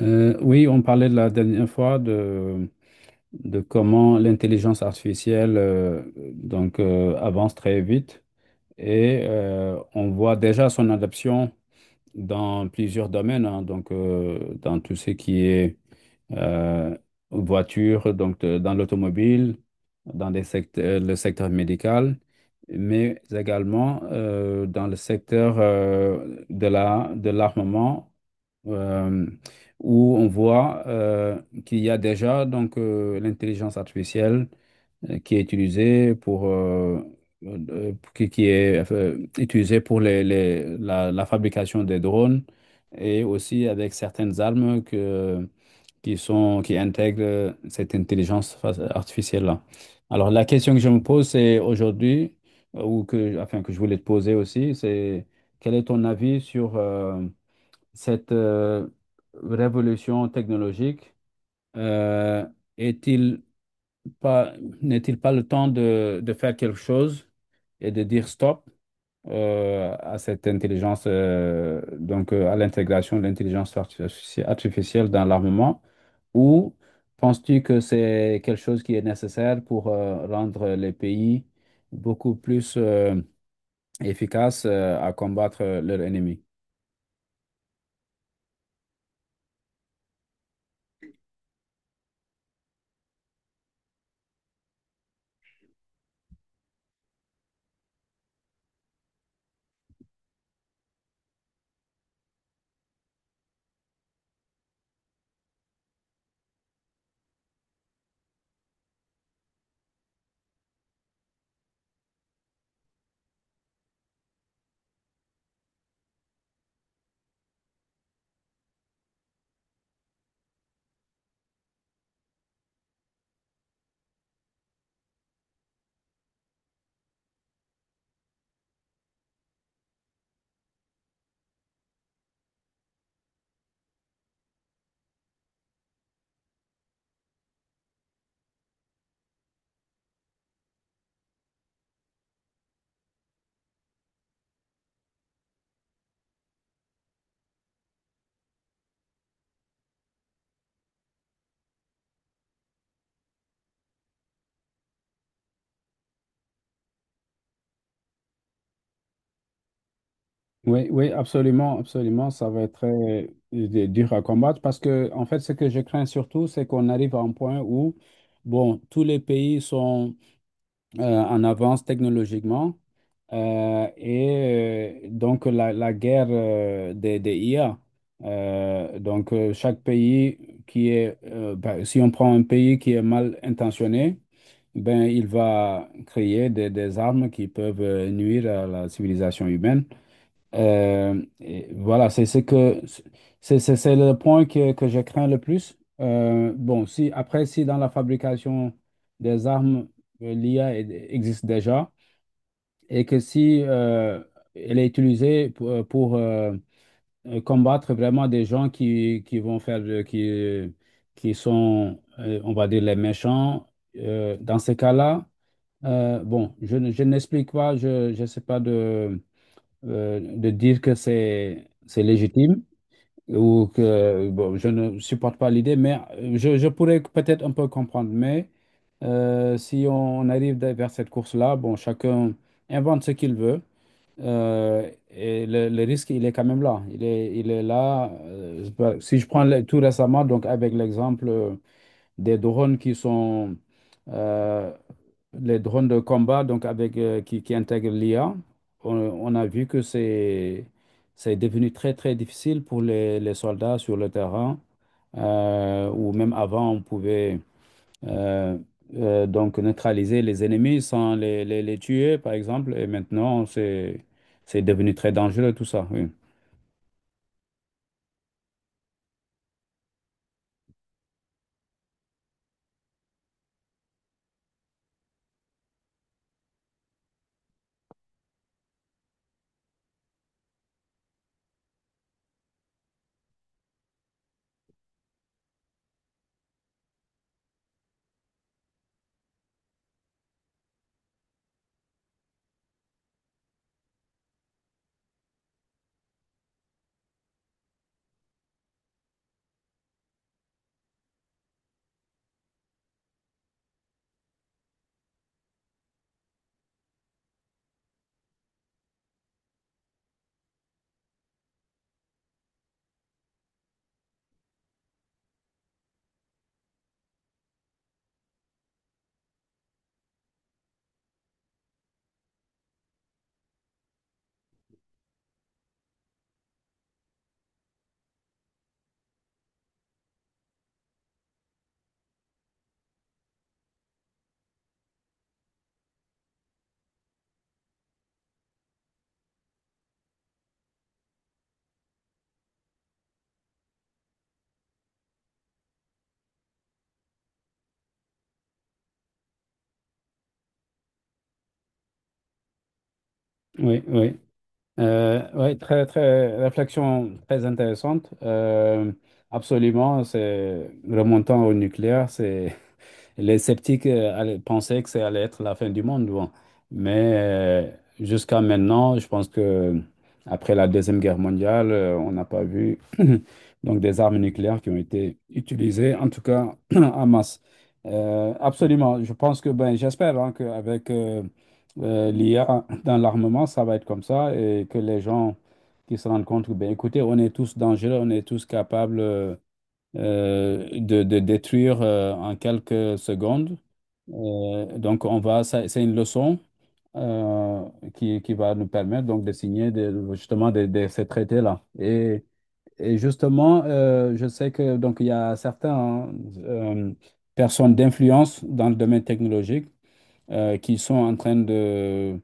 Oui, on parlait de la dernière fois de comment l'intelligence artificielle avance très vite et on voit déjà son adoption dans plusieurs domaines, hein, donc dans tout ce qui est euh, voitures, dans l'automobile, le secteur médical, mais également dans le secteur de l'armement, euh, où on voit qu'il y a déjà l'intelligence artificielle qui est utilisée pour, qui est utilisée pour la fabrication des drones et aussi avec certaines armes qui intègrent cette intelligence artificielle-là. Alors, la question que je me pose, c'est aujourd'hui, que je voulais te poser aussi, c'est quel est ton avis sur cette révolution technologique? Euh, est-il pas, N'est-il pas le temps de faire quelque chose et de dire stop à cette intelligence, à l'intégration de l'intelligence artificielle dans l'armement, ou penses-tu que c'est quelque chose qui est nécessaire pour rendre les pays beaucoup plus efficaces à combattre leur ennemi? Oui, oui, absolument, absolument. Ça va être très dur à combattre parce que, en fait, ce que je crains surtout, c'est qu'on arrive à un point où, bon, tous les pays sont en avance technologiquement. Donc la guerre des IA. Chaque pays qui est, bah, si on prend un pays qui est mal intentionné, ben, il va créer des armes qui peuvent nuire à la civilisation humaine. Et voilà, c'est ce que c'est le point que je crains le plus. Bon, si après, si dans la fabrication des armes, existe déjà et que si elle est utilisée pour combattre vraiment des gens qui vont faire de- qui sont, on va dire, les méchants, dans ces cas-là, bon, je n'explique pas, je ne sais pas de dire que c'est légitime ou que bon, je ne supporte pas l'idée, mais je pourrais peut-être un peu comprendre. Mais si on arrive vers cette course-là, bon, chacun invente ce qu'il veut. Et le risque, il est quand même là. Il est là. Je sais pas, si je tout récemment, donc avec l'exemple. Des drones qui sont euh, les drones de combat, donc avec, qui intègrent l'IA. On a vu c'est devenu très, très difficile pour les soldats sur le terrain, ou même avant, on pouvait euh, donc neutraliser les ennemis sans les tuer, par exemple, et maintenant, c'est devenu très dangereux tout ça. Oui, oui, oui. Oui, très, très, réflexion très intéressante. Absolument, c'est remontant au nucléaire, c'est les sceptiques pensaient que ça allait être la fin du monde. Bon. Mais jusqu'à maintenant, je pense que après la Deuxième Guerre mondiale, on n'a pas vu donc des armes nucléaires qui ont été utilisées, en tout cas en masse. Absolument. Je pense que, ben, j'espère hein, qu'avec l'IA dans l'armement, ça va être comme ça et que les gens qui se rendent compte que, ben, écoutez, on est tous dangereux, on est tous capables. De détruire en quelques secondes. Donc, on va, c'est une leçon euh, qui va nous permettre donc de signer justement de ces traités-là. Et justement, je sais que donc il y a certaines personnes d'influence dans le domaine technologique qui sont en train de,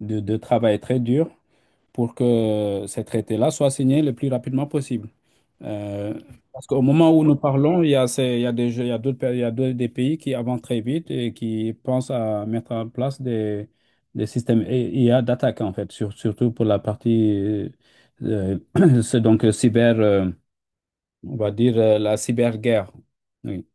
de, de travailler très dur pour que ces traités-là soient signés le plus rapidement possible. Euh, Parce qu'au moment où nous parlons, il y a, ces- il y a des jeux- il y a d'autres, pays- il y a d'autres- des pays qui avancent très vite et qui pensent à mettre en place des systèmes IA d'attaque, en fait, surtout pour la partie, euh, c'est donc cyber, on va dire la cyberguerre. Oui.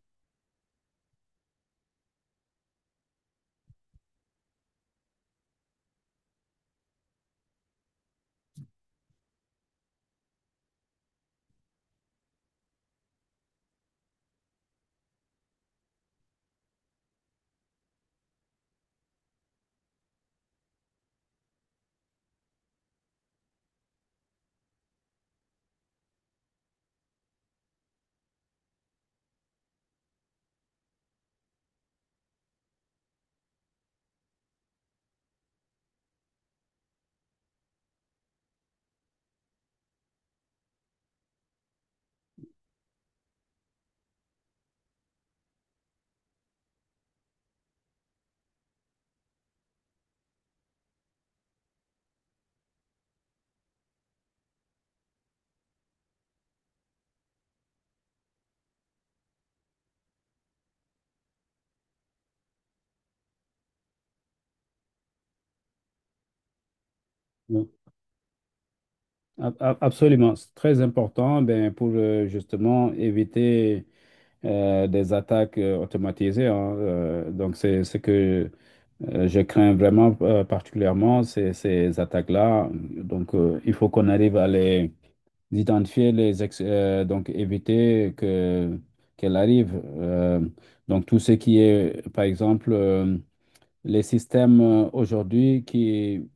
Oui. Absolument, c'est très important ben, pour justement éviter des attaques automatisées. Hein, donc, c'est ce que je crains vraiment particulièrement, ces attaques-là. Donc, il faut qu'on arrive à les identifier, donc éviter que qu'elles arrivent. Donc, tout ce qui est, par exemple, les systèmes aujourd'hui qui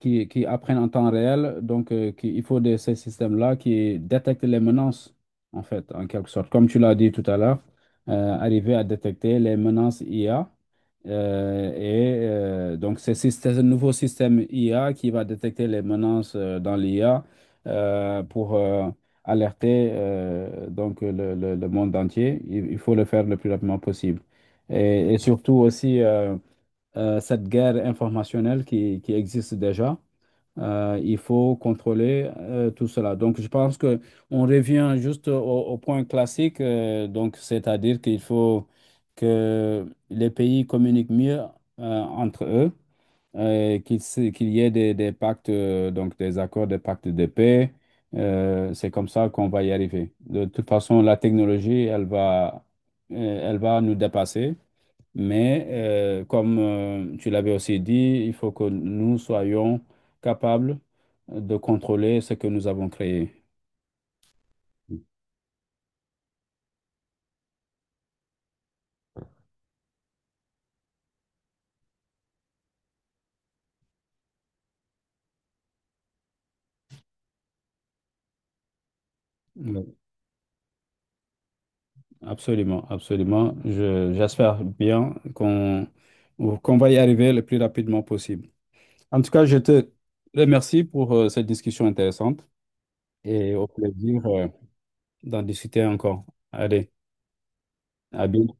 qui, qui apprennent en temps réel. Donc, il faut de ces systèmes-là qui détectent les menaces, en fait, en quelque sorte. Comme tu l'as dit tout à l'heure, arriver à détecter les menaces IA. euh, et donc, c'est ce nouveau système IA qui va détecter les menaces dans l'IA pour alerter donc le monde entier. Il faut le faire le plus rapidement possible. Et surtout aussi cette guerre informationnelle qui existe déjà. Il faut contrôler tout cela. Donc, je pense que on revient juste au point classique, donc c'est-à-dire qu'il faut que les pays communiquent mieux entre eux, qu'il y ait des pactes, donc des accords, des pactes de paix. C'est comme ça qu'on va y arriver. De toute façon, la technologie, elle va nous dépasser. Mais comme tu l'avais aussi dit, il faut que nous soyons capables de contrôler ce que nous avons créé. Oui. Absolument, absolument. J'espère bien qu'on va y arriver le plus rapidement possible. En tout cas, je te remercie pour cette discussion intéressante et au plaisir d'en discuter encore. Allez, à bientôt.